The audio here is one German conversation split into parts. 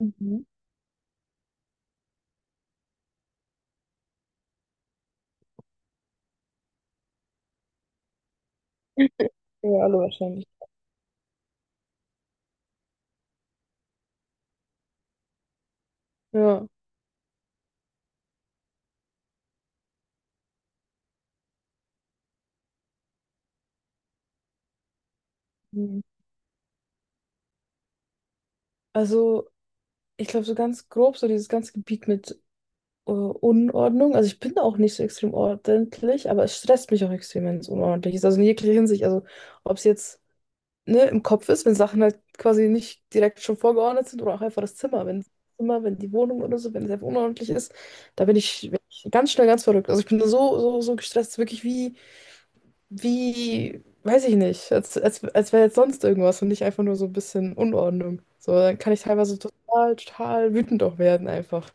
Mhm. Ja, alle wahrscheinlich. Ja. Mhm. Also, ich glaube, so ganz grob, so dieses ganze Gebiet mit Unordnung. Also, ich bin auch nicht so extrem ordentlich, aber es stresst mich auch extrem, wenn es unordentlich ist. Also, in jeglicher Hinsicht. Also, ob es jetzt ne, im Kopf ist, wenn Sachen halt quasi nicht direkt schon vorgeordnet sind oder auch einfach das Zimmer, wenn die Wohnung oder so, wenn es einfach unordentlich ist, da bin ich ganz schnell ganz verrückt. Also ich bin da so gestresst, wirklich wie, weiß ich nicht, als wäre jetzt sonst irgendwas und nicht einfach nur so ein bisschen Unordnung. So, dann kann ich teilweise total, total wütend auch werden einfach.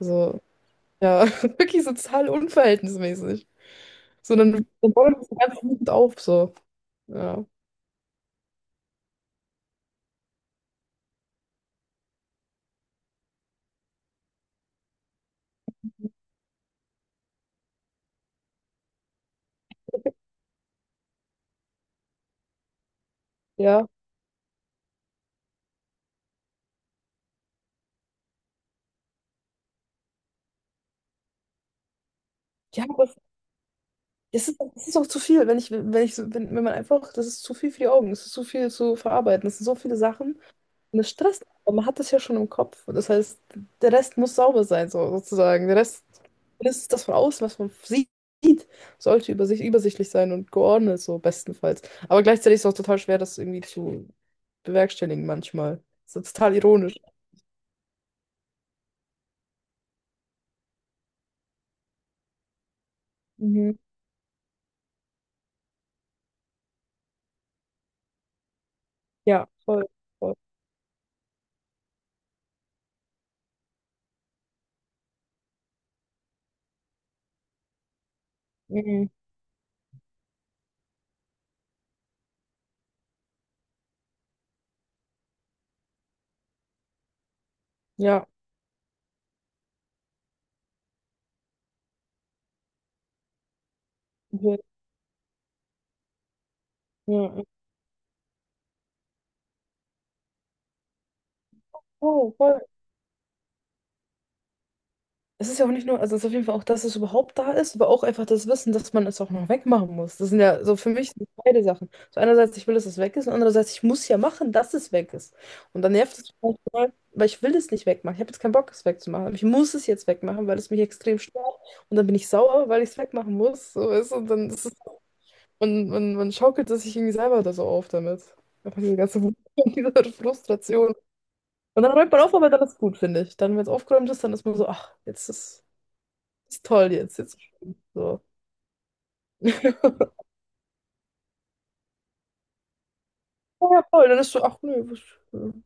Also, ja, wirklich so total unverhältnismäßig. So, dann bauen wir das ganz wütend auf, so. Ja. Ja. Ja, aber es ist auch zu viel, wenn ich, wenn ich, so- wenn, wenn man einfach, das ist zu viel für die Augen, es ist zu viel zu verarbeiten, es sind so viele Sachen und es stresst, aber man hat das ja schon im Kopf. Und das heißt, der Rest muss sauber sein, so, sozusagen. Der Rest, das ist das von außen, was man sieht, sollte übersichtlich sein und geordnet, so bestenfalls. Aber gleichzeitig ist es auch total schwer, das irgendwie zu bewerkstelligen manchmal. Das ist total ironisch. Mhm. Ja, voll, voll. Mhm. Ja, ja, ja. Oh, voll. Es ist ja auch nicht nur, also es ist auf jeden Fall auch, dass es überhaupt da ist, aber auch einfach das Wissen, dass man es auch noch wegmachen muss. Das sind ja so für mich sind beide Sachen. So einerseits, ich will, dass es weg ist und andererseits, ich muss ja machen, dass es weg ist. Und dann nervt es mich manchmal, weil ich will es nicht wegmachen. Ich habe jetzt keinen Bock, es wegzumachen. Aber ich muss es jetzt wegmachen, weil es mich extrem stört. Und dann bin ich sauer, weil ich es wegmachen muss. So ist, und dann ist es, man schaukelt es sich irgendwie selber da so auf damit. Einfach diese ganze Wut und diese Frustration. Und dann räumt man auf, aber dann ist gut, finde ich. Dann, wenn es aufgeräumt ist, dann ist man so, ach, jetzt ist toll jetzt, jetzt. So. Ja, voll. Dann ist so, ach nö, was, und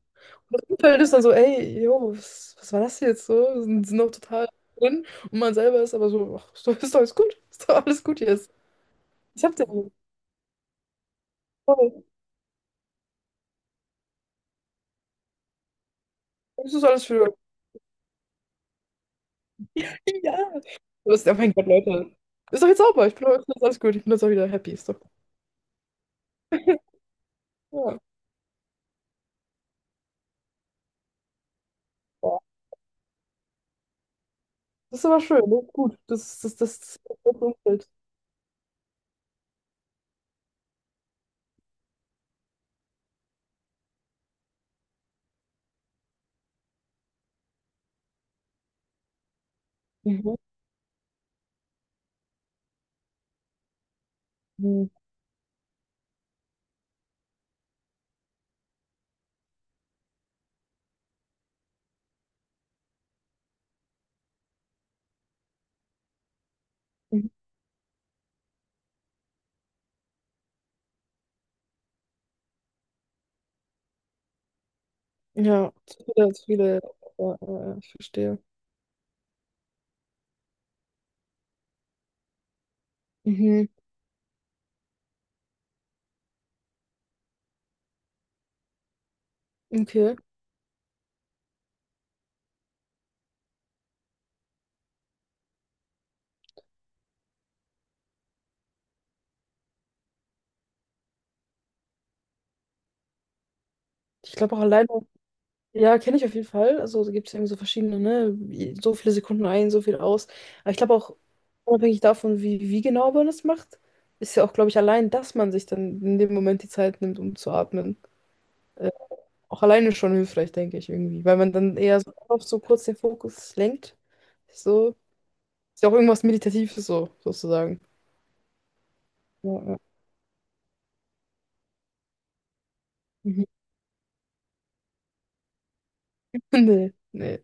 das Umfeld ist dann so, ey, jo, was, war das jetzt so? Sind noch total drin und man selber ist aber so, ach, ist doch alles gut, ist doch alles gut jetzt. Ich hab den. Voll. Das ist alles für. Ja. Das ist, oh mein Gott, Leute. Ist doch jetzt sauber, ich bin doch, ist doch alles gut, ich bin jetzt auch wieder happy, ist doch. Ja. Ja. Das ist aber schön, das gut. Das Umfeld. Mhm. Mhm. Ja, zu viele, zu viele. Ja, ja, ja, ich verstehe. Mhm. Okay. Ich glaube auch alleine, ja, kenne ich auf jeden Fall. Also da gibt es irgendwie so verschiedene, ne? So viele Sekunden ein, so viel aus. Aber ich glaube auch, unabhängig davon, wie genau man es macht, ist ja auch, glaube ich, allein, dass man sich dann in dem Moment die Zeit nimmt, um zu atmen. Äh, Auch alleine schon hilfreich, denke ich irgendwie. Weil man dann eher so, auf so kurz den Fokus lenkt. So. Ist ja auch irgendwas Meditatives so, sozusagen. Ja, ja. Mhm. Nee, nee.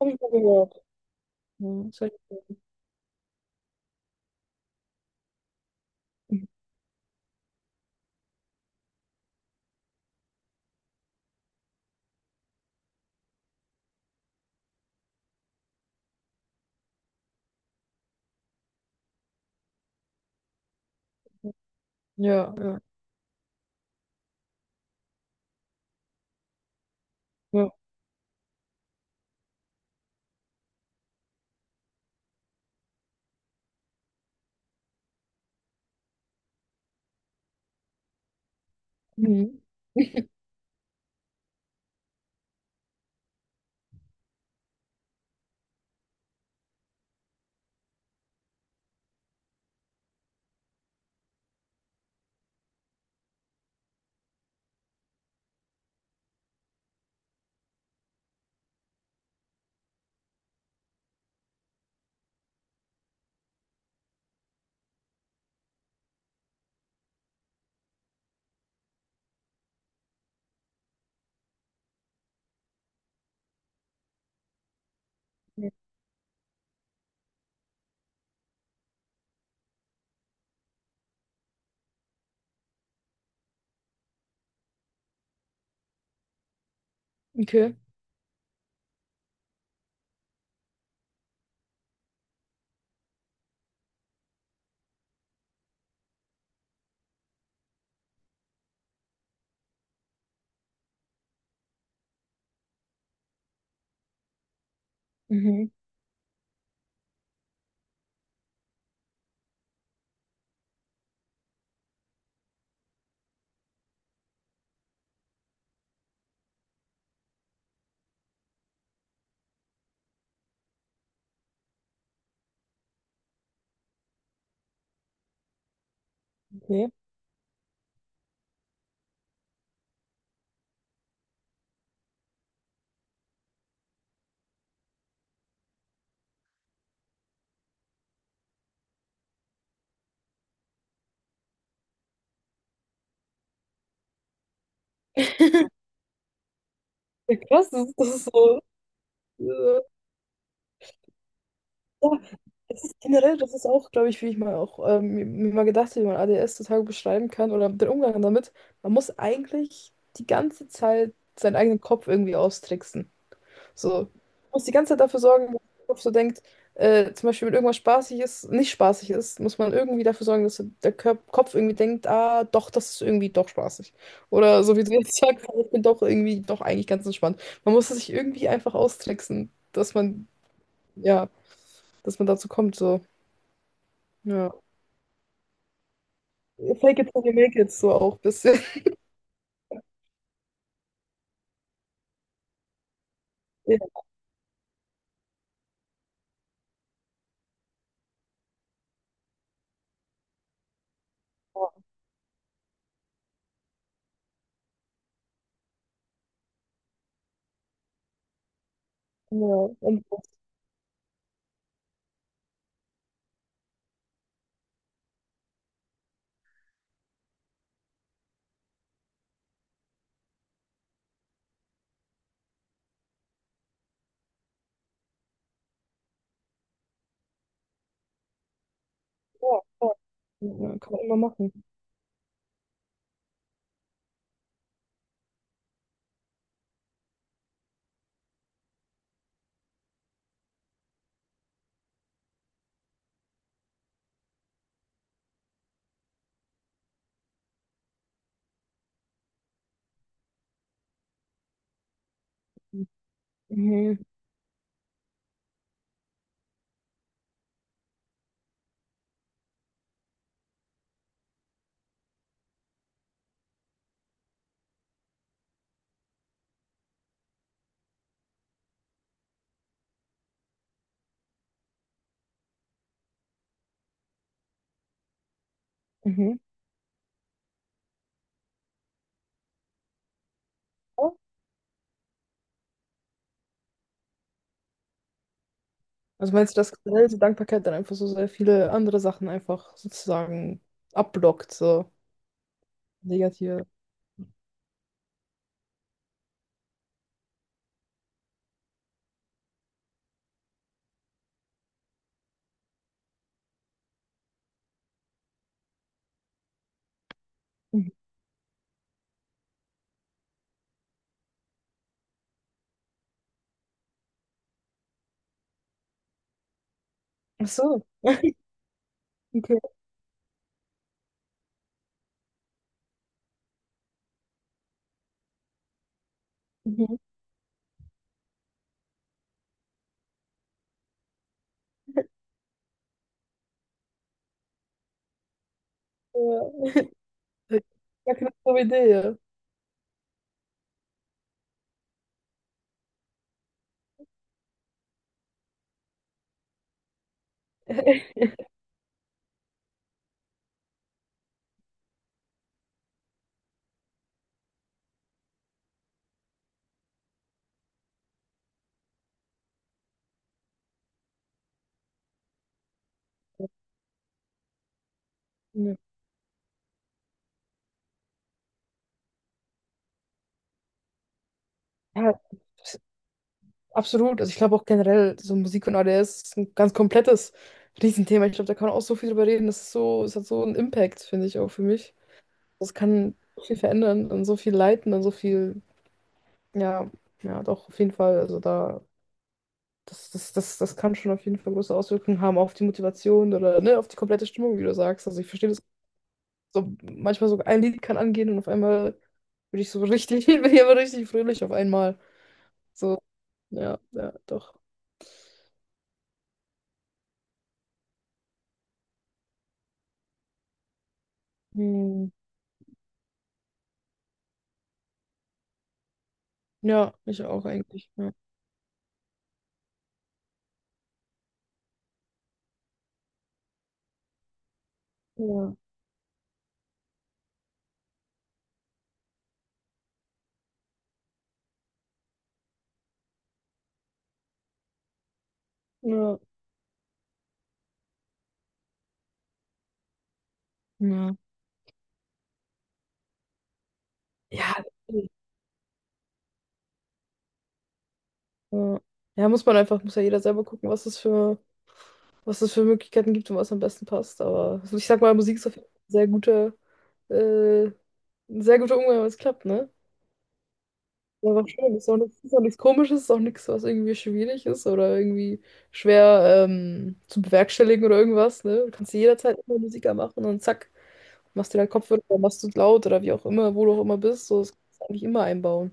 Hab ich mal gehört. Ja, das hab ich mal gehört. Mhm. Ja. Ja. Ja. Mhm. Okay. Mhm. Okay. Ja, krass, das ist so. Äh, ja, es ist generell, das ist auch, glaube ich, wie ich mal auch mir mal gedacht habe, wie man ADS total beschreiben kann oder den Umgang damit. Man muss eigentlich die ganze Zeit seinen eigenen Kopf irgendwie austricksen. So. Du musst die ganze Zeit dafür sorgen, dass der Kopf so denkt, zum Beispiel, wenn irgendwas spaßig ist, nicht spaßig ist, muss man irgendwie dafür sorgen, dass der Kopf irgendwie denkt, ah, doch, das ist irgendwie doch spaßig. Oder so wie du jetzt sagst, ich bin doch irgendwie doch eigentlich ganz entspannt. Man muss es sich irgendwie einfach austricksen, ja, dass man dazu kommt, so. Ja. Ja, Fake it till you make it, so auch ein bisschen. Ja, ja. Und, ja, ja. Ja, kann man immer machen. Mhm. Mhm. Ja. Also meinst du, dass generell so Dankbarkeit dann einfach so sehr viele andere Sachen einfach sozusagen abblockt, so negative? Mhm. Ach so, okay. Mhm. Ja, Ja, keine dumme Idee, ja. Ja, ja, absolut. Also ich glaube auch generell, so Musik und ADS ist ein ganz komplettes Riesenthema. Ich glaube, da kann man auch so viel drüber reden. Das ist so, es hat so einen Impact, finde ich, auch für mich. Das kann so viel verändern und so viel leiten und so viel, ja, ja, doch, auf jeden Fall. Also da Das, das, das, das kann schon auf jeden Fall große Auswirkungen haben auf die Motivation oder ne, auf die komplette Stimmung, wie du sagst. Also ich verstehe das so, manchmal so ein Lied kann angehen und auf einmal bin ich so richtig, bin ich aber richtig fröhlich auf einmal. So, ja, ja, doch. Hm. Ja, ich auch eigentlich. Ja. Ja, ja, ja. Ja, ja, ja, muss ja jeder selber gucken, was es für, Möglichkeiten gibt und was am besten passt. Aber also ich sag mal, Musik ist auf jeden Fall äh, ein sehr guter Umgang, wenn es klappt, ne? Ja, war schön. Ist auch nichts Komisches, ist auch nichts, was irgendwie schwierig ist oder irgendwie schwer zu bewerkstelligen oder irgendwas. Ne? Du kannst jederzeit immer Musiker machen und zack, machst dir deinen Kopfhörer oder machst du es laut oder wie auch immer, wo du auch immer bist. So, das kannst du eigentlich immer einbauen.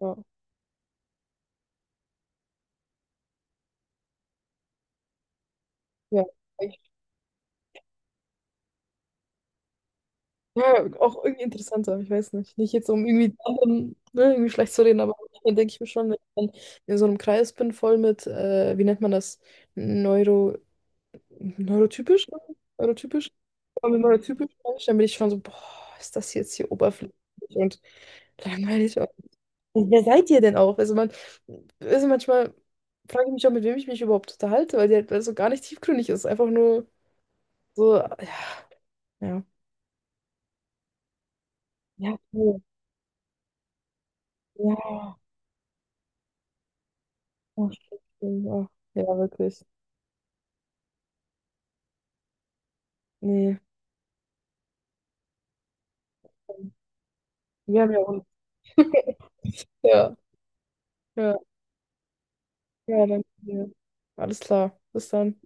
Ja, ja, echt. Ja, auch irgendwie interessanter, ich weiß nicht. Nicht jetzt, um irgendwie, anderen, ne, irgendwie schlecht zu reden, aber dann denke ich mir schon, wenn ich dann in so einem Kreis bin, voll mit, wie nennt man das? Neuro, Neurotypisch? Ne? Neurotypisch? Wenn man nur typisch Mensch, dann bin ich schon so, boah, ist das jetzt hier oberflächlich und langweilig. Und wer seid ihr denn auch? Also manchmal frage ich mich auch, mit wem ich mich überhaupt unterhalte, weil die halt, weil es so gar nicht tiefgründig ist. Einfach nur so, ja, ja. Ja, cool. Ja, oh, shit, oh, ja, wirklich. Nee. Wir haben ja auch. Ja, ja, ja, danke dir. Alles klar. Bis dann.